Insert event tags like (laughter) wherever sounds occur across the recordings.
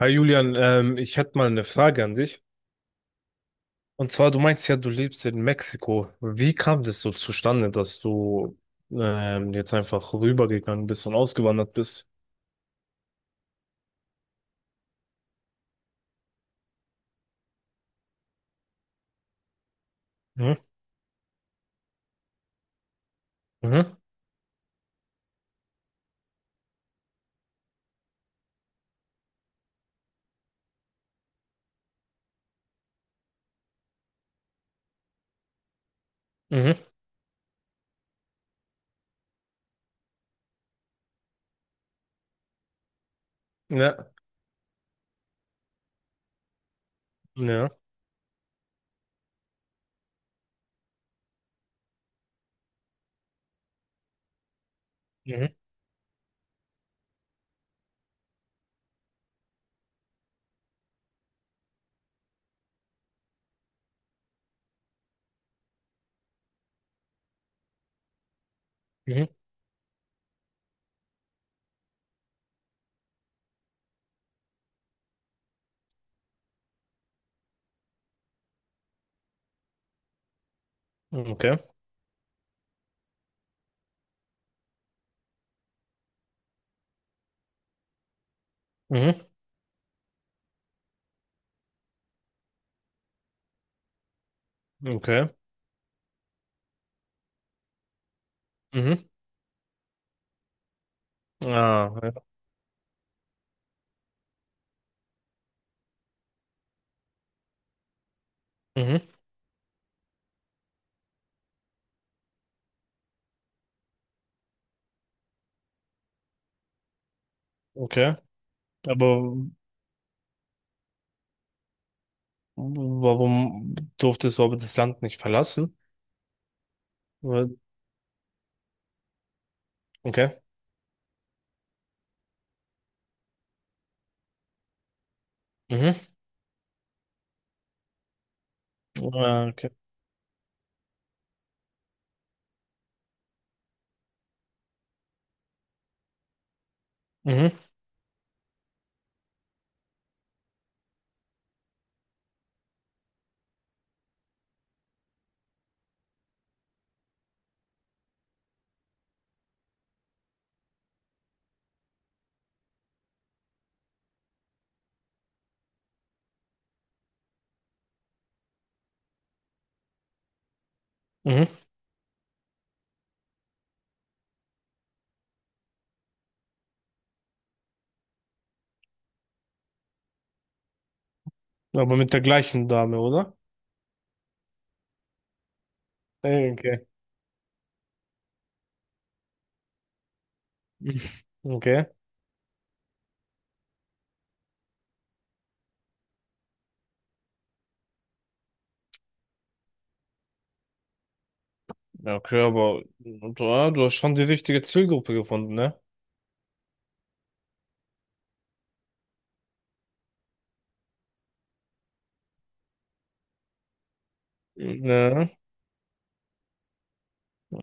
Hi Julian, ich hätte mal eine Frage an dich. Und zwar, du meinst ja, du lebst in Mexiko. Wie kam das so zustande, dass du jetzt einfach rübergegangen bist und ausgewandert bist? Mhm. Mhm. Mhm. Ja. Ja. Mhm. Mhm. Okay. Mhm. Okay. Mhm. Ah, ja. Mhm. Okay. Aber warum durftest du aber das Land nicht verlassen? Weil- Okay. Mhm. Ah, okay. Mhm. Mhm. Aber mit der gleichen Dame, oder? Okay. Okay. Ja, okay, aber ja, du hast schon die richtige Zielgruppe gefunden, ne? Ja,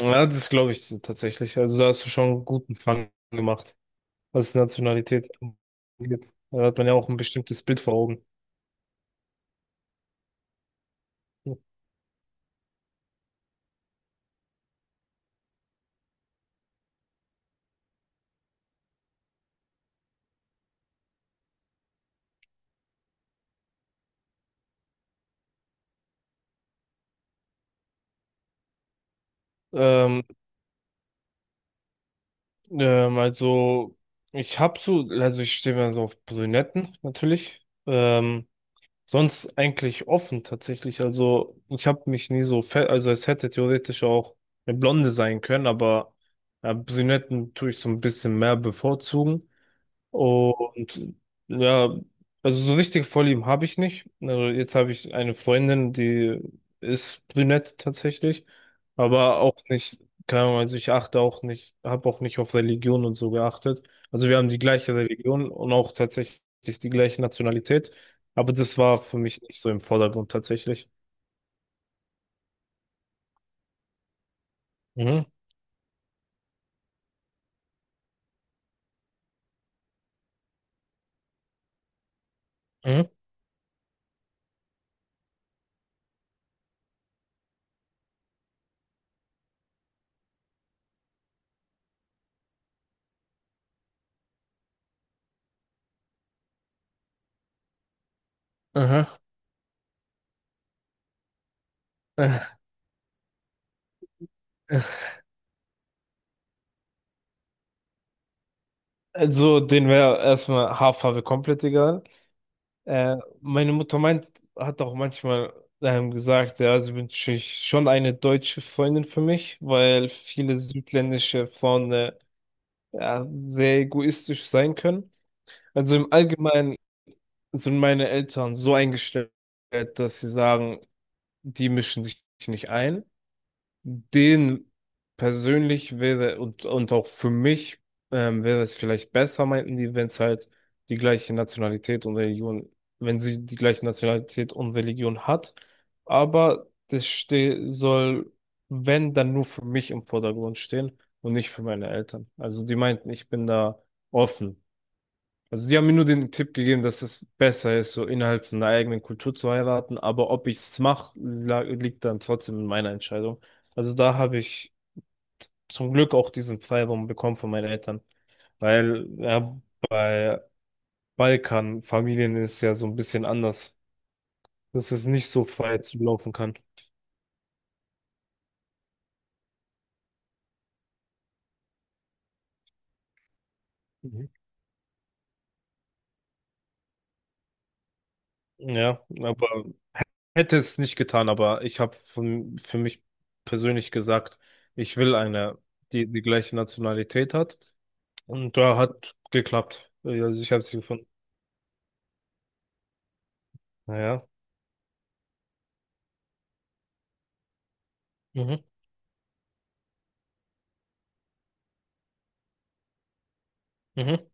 ja, das glaube ich tatsächlich. Also da hast du schon einen guten Fang gemacht, was Nationalität angeht. Da hat man ja auch ein bestimmtes Bild vor Augen. Ähm, also ich habe so, also ich stehe mir so auf Brünetten natürlich. Sonst eigentlich offen tatsächlich. Also ich habe mich nie so fett, also es hätte theoretisch auch eine Blonde sein können, aber Brünetten tue ich so ein bisschen mehr bevorzugen. Und ja, also so richtige Vorlieben habe ich nicht. Also jetzt habe ich eine Freundin, die ist brünett tatsächlich, aber auch nicht, keine Ahnung, also ich achte auch nicht, habe auch nicht auf Religion und so geachtet. Also wir haben die gleiche Religion und auch tatsächlich die gleiche Nationalität, aber das war für mich nicht so im Vordergrund tatsächlich. Mhm. Mhm. Aha. (laughs) Also, den wäre erstmal Haarfarbe komplett egal. Äh, meine Mutter meint, hat auch manchmal gesagt, ja, sie wünsche ich schon eine deutsche Freundin für mich, weil viele südländische Frauen ja, sehr egoistisch sein können. Also im Allgemeinen sind meine Eltern so eingestellt, dass sie sagen, die mischen sich nicht ein. Den persönlich wäre und auch für mich wäre es vielleicht besser, meinten die, wenn es halt die gleiche Nationalität und Religion, wenn sie die gleiche Nationalität und Religion hat. Aber das ste soll, wenn, dann nur für mich im Vordergrund stehen und nicht für meine Eltern. Also die meinten, ich bin da offen. Also sie haben mir nur den Tipp gegeben, dass es besser ist, so innerhalb von der eigenen Kultur zu heiraten, aber ob ich es mache, liegt dann trotzdem in meiner Entscheidung. Also da habe ich zum Glück auch diesen Freiraum bekommen von meinen Eltern, weil ja, bei Balkanfamilien ist es ja so ein bisschen anders, dass es nicht so frei zu laufen kann. Mhm. Ja, aber hätte es nicht getan, aber ich habe von- für mich persönlich gesagt, ich will eine, die die gleiche Nationalität hat. Und da hat geklappt. Ja, also ich habe sie gefunden. Naja. Mhm. Mhm.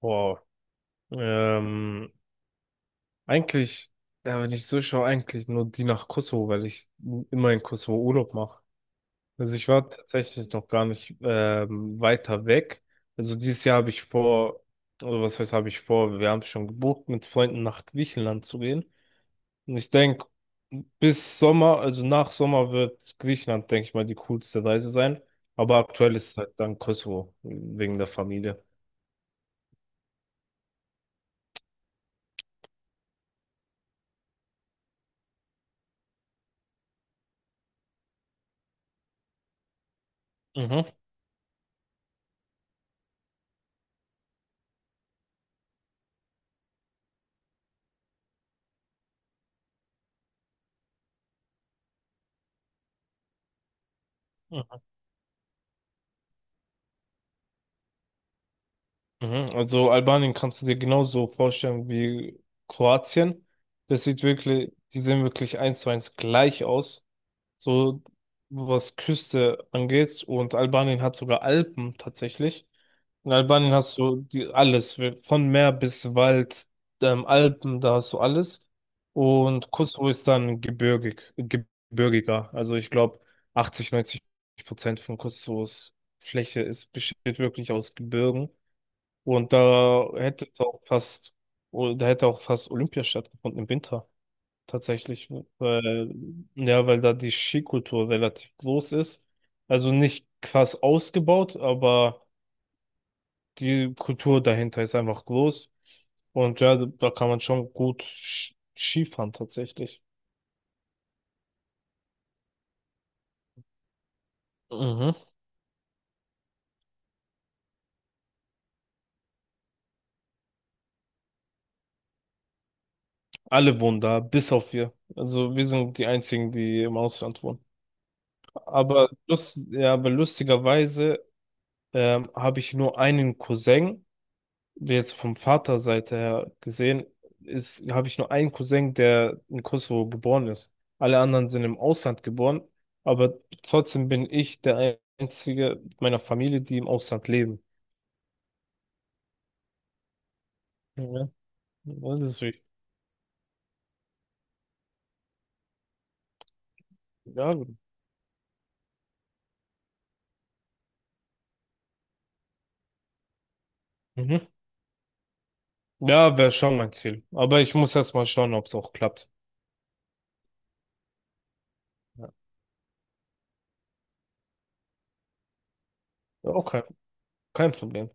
Wow. Ähm, eigentlich, ja, wenn ich so schaue, eigentlich nur die nach Kosovo, weil ich immer in Kosovo Urlaub mache. Also ich war tatsächlich noch gar nicht weiter weg. Also dieses Jahr habe ich vor, oder was heißt, habe ich vor, wir haben schon gebucht, mit Freunden nach Griechenland zu gehen. Und ich denke, bis Sommer, also nach Sommer wird Griechenland, denke ich mal, die coolste Reise sein. Aber aktuell ist es halt dann Kosovo, wegen der Familie. Mhm, mhm, mhm. Also Albanien kannst du dir genauso vorstellen wie Kroatien. Das sieht wirklich, die sehen wirklich eins zu eins gleich aus, so was Küste angeht. Und Albanien hat sogar Alpen tatsächlich. In Albanien hast du die, alles, wir- von Meer bis Wald, Alpen, da hast du alles. Und Kosovo ist dann gebirgig, gebirgiger. Also ich glaube, 80-90% von Kosovos Fläche ist, besteht wirklich aus Gebirgen. Und da hätte es auch fast, oh, da hätte auch fast Olympia stattgefunden im Winter tatsächlich, weil, ja, weil da die Skikultur relativ groß ist. Also nicht krass ausgebaut, aber die Kultur dahinter ist einfach groß. Und ja, da kann man schon gut Skifahren tatsächlich. Mhm. Alle wohnen da, bis auf wir. Also wir sind die einzigen, die im Ausland wohnen. Aber, ja, aber lustigerweise habe ich nur einen Cousin. Jetzt vom Vaterseite her gesehen, ist, habe ich nur einen Cousin, der in Kosovo geboren ist. Alle anderen sind im Ausland geboren, aber trotzdem bin ich der einzige meiner Familie, die im Ausland leben. Ja, das ist wichtig. Ja, gut. Mhm. Ja, wäre schon mein Ziel. Aber ich muss erst mal schauen, ob es auch klappt. Ja, auch kein, kein Problem.